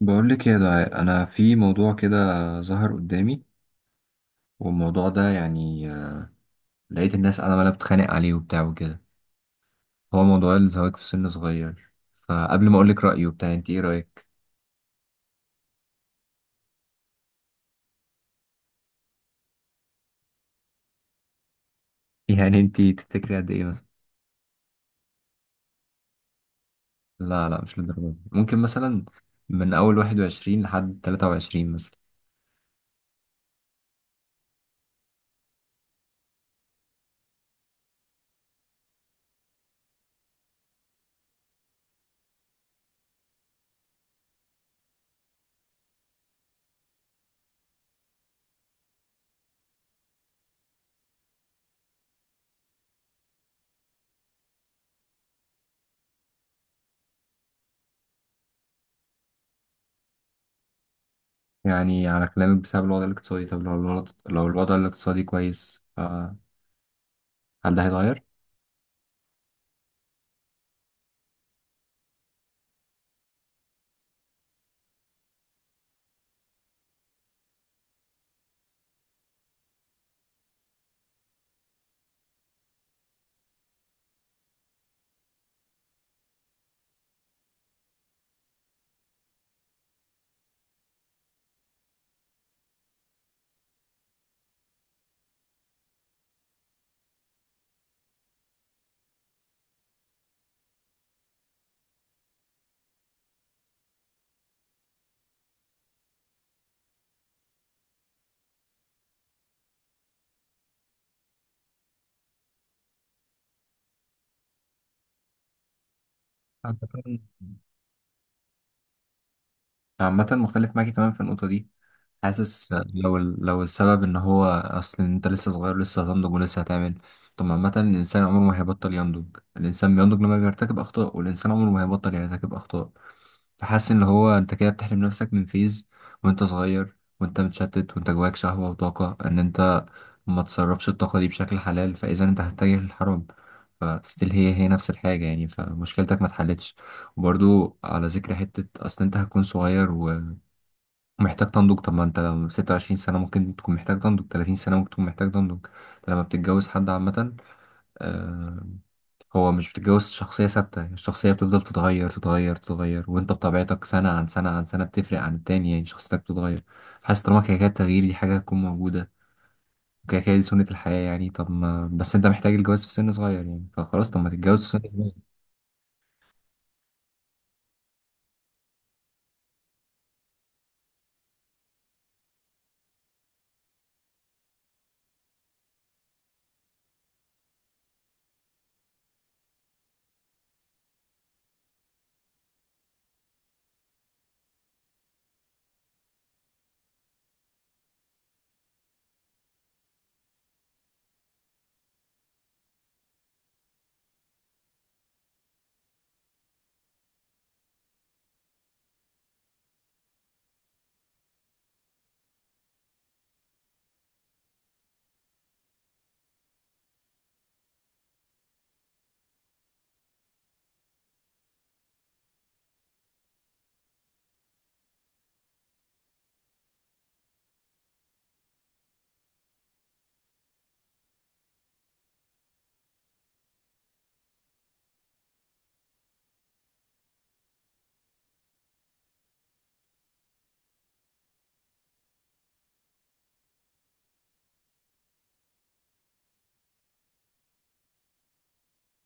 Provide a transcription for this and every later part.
بقول لك يا دعاء انا في موضوع كده ظهر قدامي. والموضوع ده يعني لقيت الناس عماله بتتخانق عليه وبتاع وكده. هو موضوع الزواج في سن صغير، فقبل ما اقول لك رايي وبتاع انت ايه رايك؟ يعني انت تفتكري قد ايه مثلا؟ لا، مش للدرجه دي، ممكن مثلا من اول 21 لحد 23 مثلا. يعني على كلامك بسبب الوضع الاقتصادي، طب لو الوضع الاقتصادي كويس هل ده هيتغير؟ أعتقد عامة مختلف معاكي تمام في النقطة دي. حاسس لو السبب ان هو اصل إن انت لسه صغير، لسه هتنضج ولسه هتعمل. طب عامة الانسان عمره ما هيبطل ينضج، الانسان بينضج لما بيرتكب اخطاء، والانسان عمره ما هيبطل يرتكب اخطاء. فحاسس ان هو انت كده بتحرم نفسك من فيز وانت صغير، وانت متشتت وانت جواك شهوة وطاقة ان انت ما تصرفش الطاقة دي بشكل حلال، فاذا انت هتتجه للحرام. فستيل هي نفس الحاجة يعني، فمشكلتك ما اتحلتش. وبرضو على ذكر حتة أصل أنت هتكون صغير محتاج تنضج، طب ما انت لو 26 سنة ممكن تكون محتاج تنضج، 30 سنة ممكن تكون محتاج تنضج. لما بتتجوز حد عامة آه، هو مش بتتجوز شخصية ثابتة، الشخصية بتفضل تتغير، وانت بطبيعتك سنة عن سنة عن سنة بتفرق عن التاني، يعني شخصيتك بتتغير. حاسس طالما كده كده التغيير دي حاجة هتكون موجودة وكده كده دي سنة الحياة يعني، طب ما بس انت محتاج الجواز في سن صغير يعني فخلاص طب ما تتجوز في سن صغير.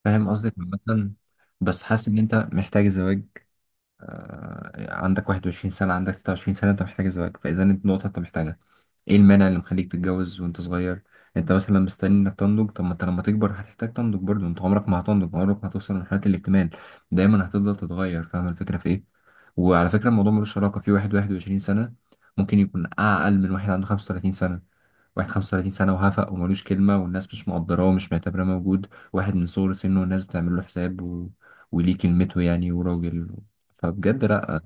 فاهم قصدك. عامة، بس حاسس ان انت محتاج الزواج. عندك 21 سنة، عندك 26 سنة، أنت محتاج الزواج، فإذا أنت نقطة أنت محتاجها، إيه المانع اللي مخليك تتجوز وأنت صغير؟ أنت مثلا مستني إنك تنضج، طب ما أنت لما تكبر هتحتاج تنضج برضه، أنت عمرك ما هتنضج، عمرك ما هتوصل لمرحلة الاكتمال. دايما هتفضل تتغير، فاهم الفكرة في إيه؟ وعلى فكرة الموضوع ملوش علاقة، في واحد 21 سنة ممكن يكون أقل من واحد عنده 35 سنة. واحد 35 سنة وهفق وملوش كلمة والناس مش مقدراه ومش معتبراه موجود، واحد من صغر سنه والناس بتعمل له حساب وليه كلمته يعني وراجل. فبجد لأ.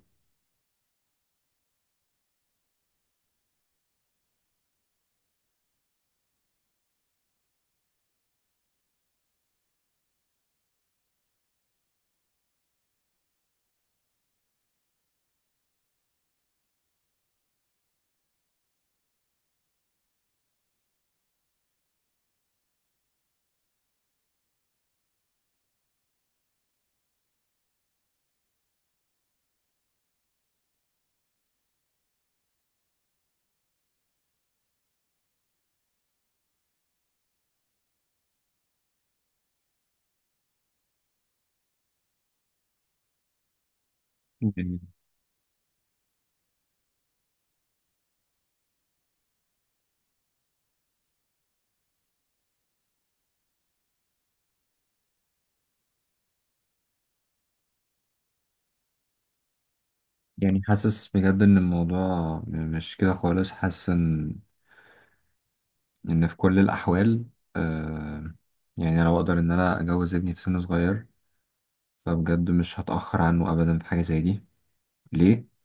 يعني يعني حاسس بجد إن الموضوع م- مش كده خالص. حاسس إن في كل الأحوال آه يعني لو أقدر إن أنا أجوز ابني في سن صغير، فبجد مش هتأخر عنه أبدا في حاجة زي دي. ليه؟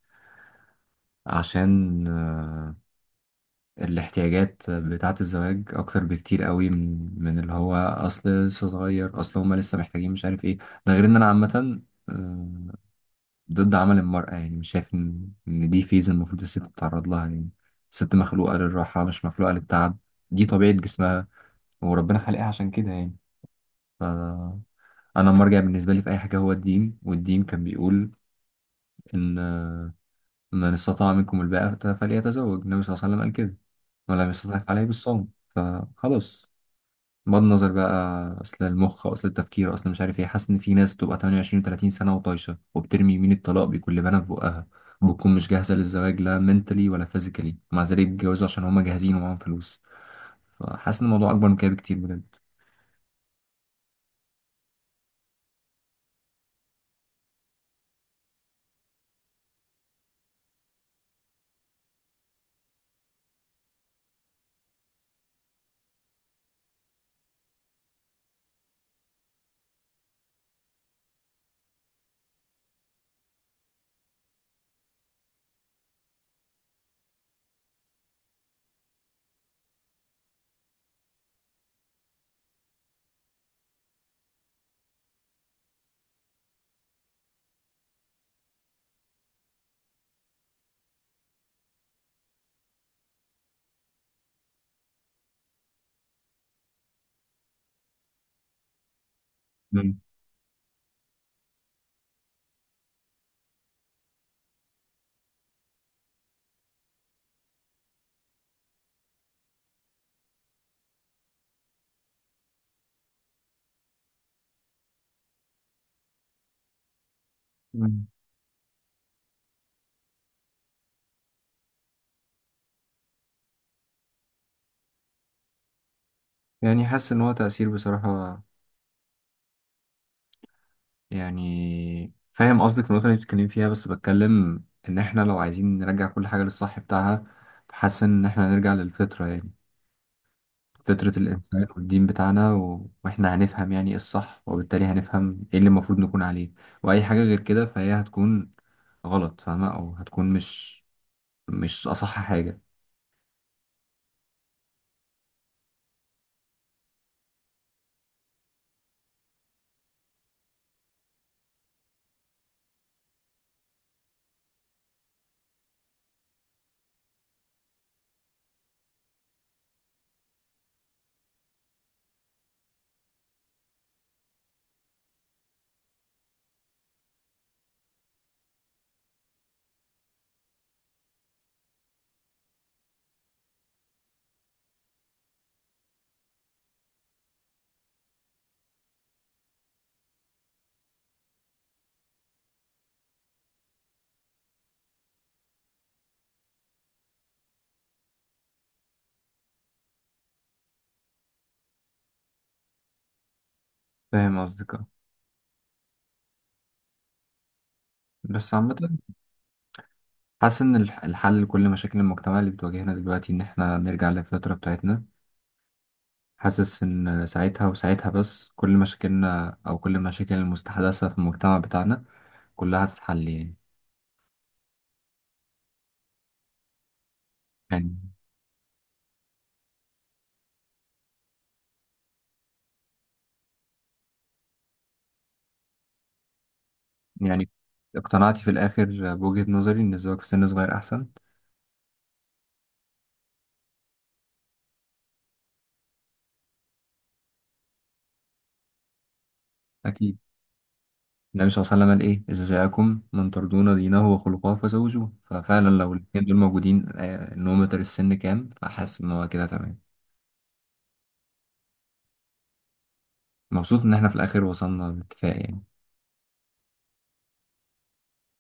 عشان الاحتياجات بتاعة الزواج أكتر بكتير قوي من اللي هو أصل لسه صغير، أصل هما لسه محتاجين مش عارف إيه. ده غير إن أنا عامة آه، ضد عمل المرأة، يعني مش شايف إن دي فيز المفروض الست تتعرض لها يعني. الست مخلوقة للراحة مش مخلوقة للتعب، دي طبيعة جسمها وربنا خلقها عشان كده يعني. ف... أنا المرجع بالنسبة لي في أي حاجة هو الدين، والدين كان بيقول إن من استطاع منكم الباءة فليتزوج، النبي صلى الله عليه وسلم قال كده، ولم يستطع فعليه بالصوم فخلاص. بغض النظر بقى اصل المخ اصل التفكير اصل مش عارف ايه، حاسس ان في ناس بتبقى 28 و30 سنه وطايشه وبترمي يمين الطلاق بكل بنا في بقها، وبتكون مش جاهزه للزواج لا منتلي ولا فيزيكالي، مع ذلك بيتجوزوا عشان هما جاهزين ومعاهم فلوس. فحاسس ان الموضوع اكبر من كده بكتير بجد. مم. مم. يعني حاسس ان هو تأثير بصراحة، يعني فاهم قصدك النقطة اللي بتتكلم فيها، بس بتكلم ان احنا لو عايزين نرجع كل حاجة للصح بتاعها، حاسس ان احنا هنرجع للفطرة يعني، فطرة الإنسانية والدين بتاعنا وإحنا هنفهم يعني إيه الصح، وبالتالي هنفهم إيه اللي المفروض نكون عليه. وأي حاجة غير كده فهي هتكون غلط فاهمة، أو هتكون مش أصح حاجة. فاهم قصدك آه. بس عامة حاسس إن الحل لكل مشاكل المجتمع اللي بتواجهنا دلوقتي إن إحنا نرجع للفطرة بتاعتنا. حاسس إن ساعتها وساعتها بس كل مشاكلنا أو كل المشاكل المستحدثة في المجتمع بتاعنا كلها هتتحل يعني. يعني يعني اقتنعتي في الآخر بوجهة نظري إن الزواج في سن صغير أحسن؟ أكيد. النبي صلى الله عليه وسلم قال إيه، إذا جاءكم من ترضون دينه وخلقه فزوجوه، ففعلا لو الاتنين دول موجودين النومتر السن كام، فحاسس إن هو كده تمام. مبسوط إن إحنا في الآخر وصلنا لاتفاق يعني.